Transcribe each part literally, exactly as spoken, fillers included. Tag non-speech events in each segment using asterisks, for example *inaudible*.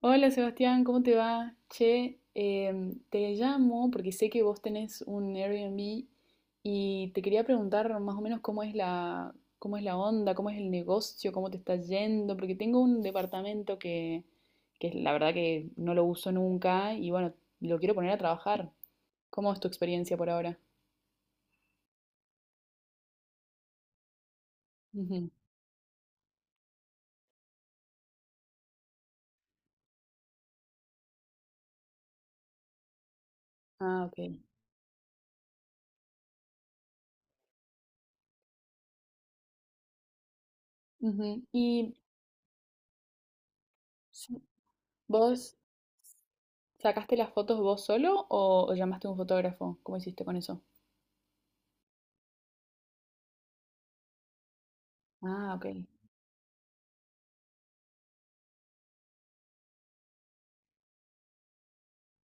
Hola Sebastián, ¿cómo te va? Che, em, te llamo porque sé que vos tenés un Airbnb y te quería preguntar más o menos cómo es la, cómo es la onda, cómo es el negocio, cómo te está yendo, porque tengo un departamento que, que la verdad que no lo uso nunca y bueno, lo quiero poner a trabajar. ¿Cómo es tu experiencia por ahora? Ujú. Ah, ok. Ujú. ¿Y sí, vos sacaste las fotos vos solo o, o llamaste a un fotógrafo? ¿Cómo hiciste con eso? Ah, ok.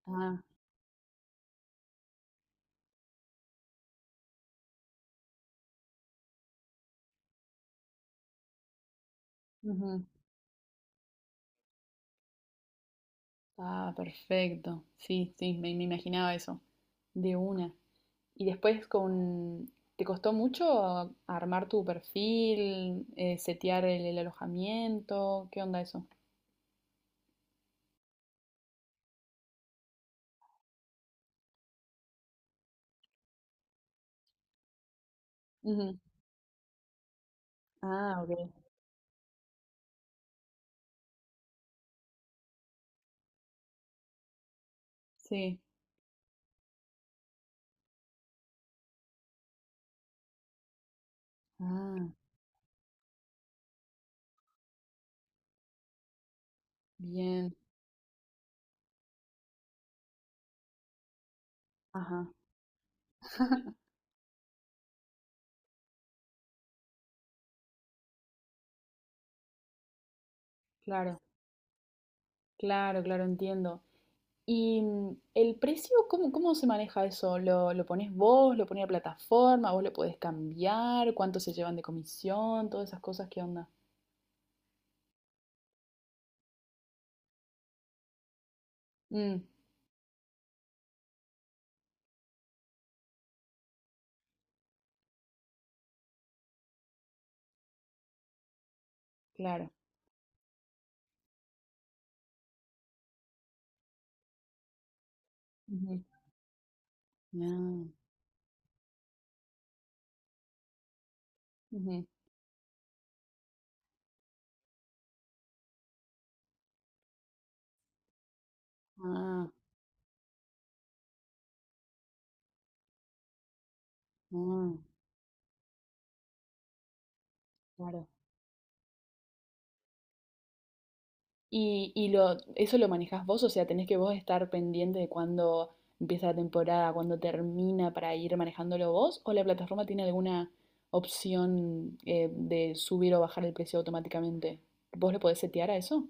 Ah, ujú. Ah, perfecto. Sí, sí, me, me imaginaba eso. De una. Y después con... ¿Te costó mucho armar tu perfil, eh, setear el, el alojamiento? ¿Qué onda eso? Ujú. Ah, ok. Sí. Ah, bien. Ajá. *laughs* Claro, claro, claro, entiendo. ¿Y mm, el precio, cómo, cómo se maneja eso? ¿Lo, lo pones vos? ¿Lo pone la plataforma? ¿Vos lo podés cambiar? ¿Cuánto se llevan de comisión? Todas esas cosas, ¿qué onda? Mm. Claro. Ujú. Ah, ujú. Ah, ah, claro. ¿Y, y lo, eso lo manejás vos? O sea, tenés que vos estar pendiente de cuándo empieza la temporada, cuándo termina para ir manejándolo vos, o la plataforma tiene alguna opción eh, de subir o bajar el precio automáticamente. ¿Vos lo podés setear a eso?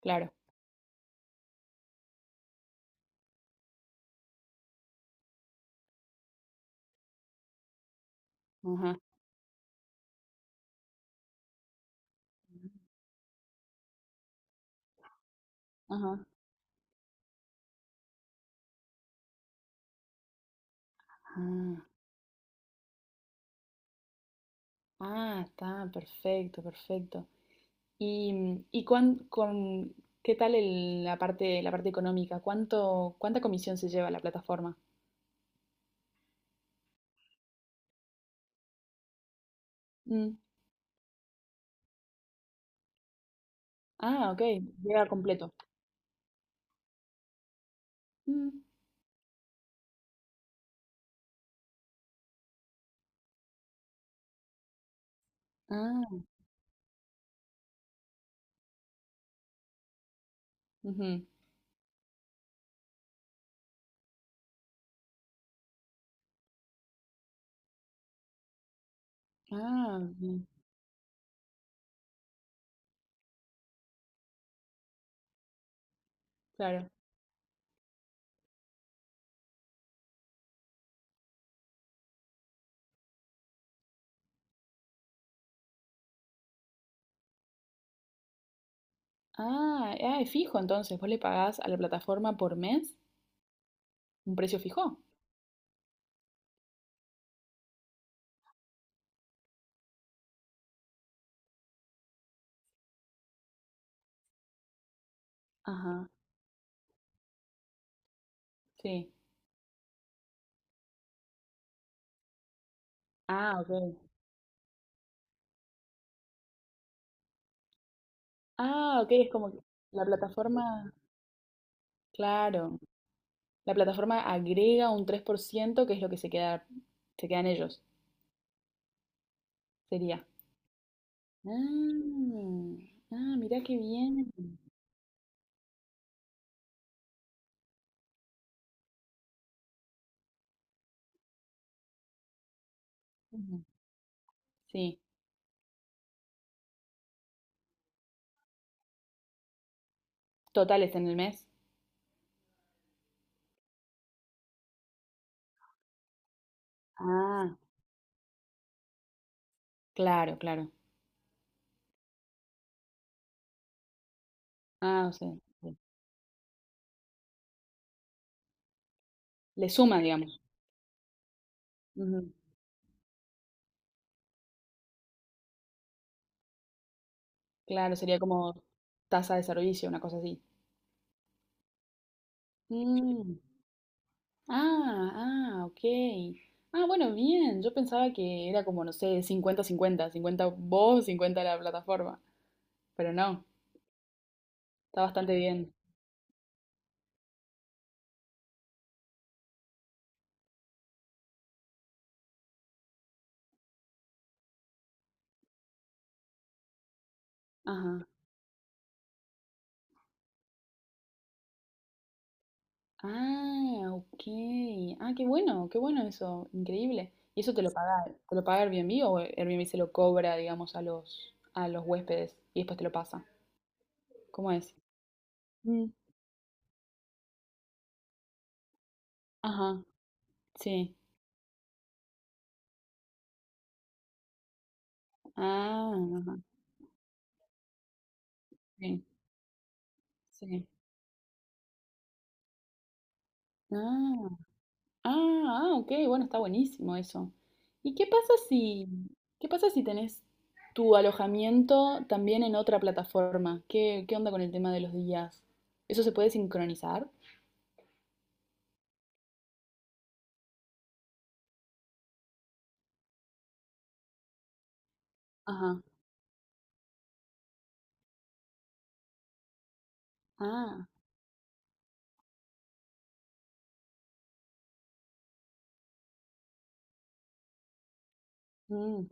Claro. Ajá. Ajá. Ah, ah, está, perfecto, perfecto. Y, mm, y cuán- con, ¿Qué tal el- la parte, la parte económica? ¿Cuánto, cuánta comisión se lleva la plataforma? Mm. Ah, ok, llega completo. Mm. Ah, ujú. Ah, bien, claro. Ah, ah, es fijo entonces. Vos le pagás a la plataforma por mes un precio fijo. Ajá, sí. Ah, ok. Ah, ok, es como que la plataforma, claro, la plataforma agrega un tres por ciento que es lo que se queda, se quedan ellos, sería. Ah, ah, mirá qué bien. Ujú. Sí, totales en el mes. Ah, claro, claro. Ah, o sea, sí, le suma, digamos. Ujú. Claro, sería como tasa de servicio, una cosa así. Mm, ah, ah, ok. Ah, bueno, bien. Yo pensaba que era como, no sé, cincuenta-cincuenta, cincuenta cincuenta vos, cincuenta la plataforma. Pero no, está bastante bien. Ajá. Ah, ok. Ah, qué bueno, qué bueno eso, increíble. ¿Y eso te lo paga, te lo paga Airbnb o Airbnb se lo cobra, digamos, a los, a los huéspedes y después te lo pasa? ¿Cómo es? Mm, ajá, sí. Ah, ajá, sí, sí. Ah, ah, ah, ok, bueno, está buenísimo eso. ¿Y qué pasa si, qué pasa si, tenés tu alojamiento también en otra plataforma? ¿Qué, qué onda con el tema de los días? ¿Eso se puede sincronizar? Ajá. Ah, mm,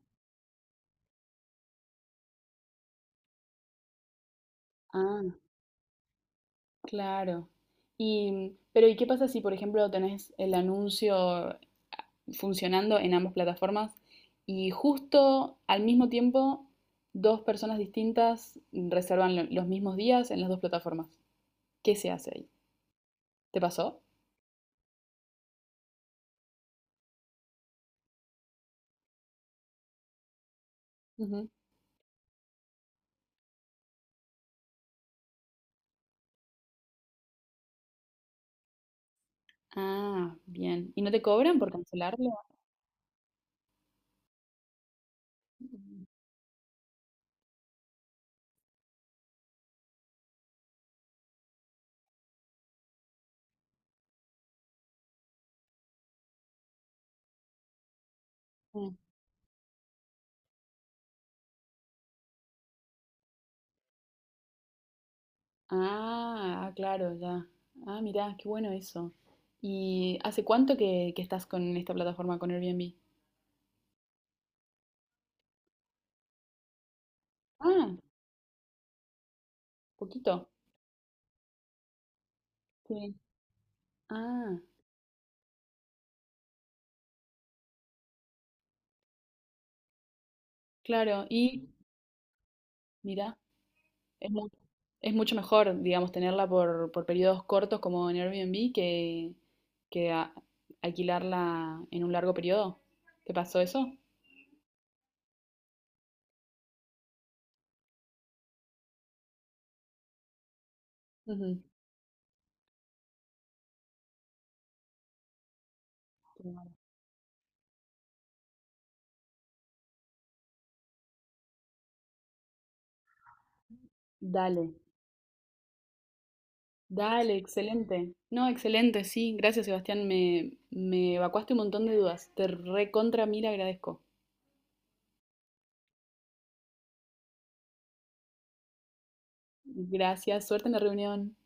ah, claro. Y, mm, pero ¿y qué pasa si, por ejemplo, tenés el anuncio funcionando en ambas plataformas y justo al mismo tiempo dos personas distintas reservan lo- los mismos días en las dos plataformas? ¿Qué se hace ahí? ¿Te pasó? Ujú. Ah, bien. ¿Y no te cobran por cancelarlo? Mm. Mm. Ah, ah, claro, ya. Ah, mirá, qué bueno eso. ¿Y hace cuánto que, que estás con esta plataforma, con Airbnb? Poquito. Sí. Ah, claro. Y mira, es, mu- es mucho mejor, digamos, tenerla por, por periodos cortos como en Airbnb que, que a- alquilarla en un largo periodo. ¿Te pasó eso? Ujú. Claro. Dale, dale, excelente. No, excelente, sí. Gracias, Sebastián. Me, me evacuaste un montón de dudas. Te recontra mil agradezco. Gracias. Suerte en la reunión.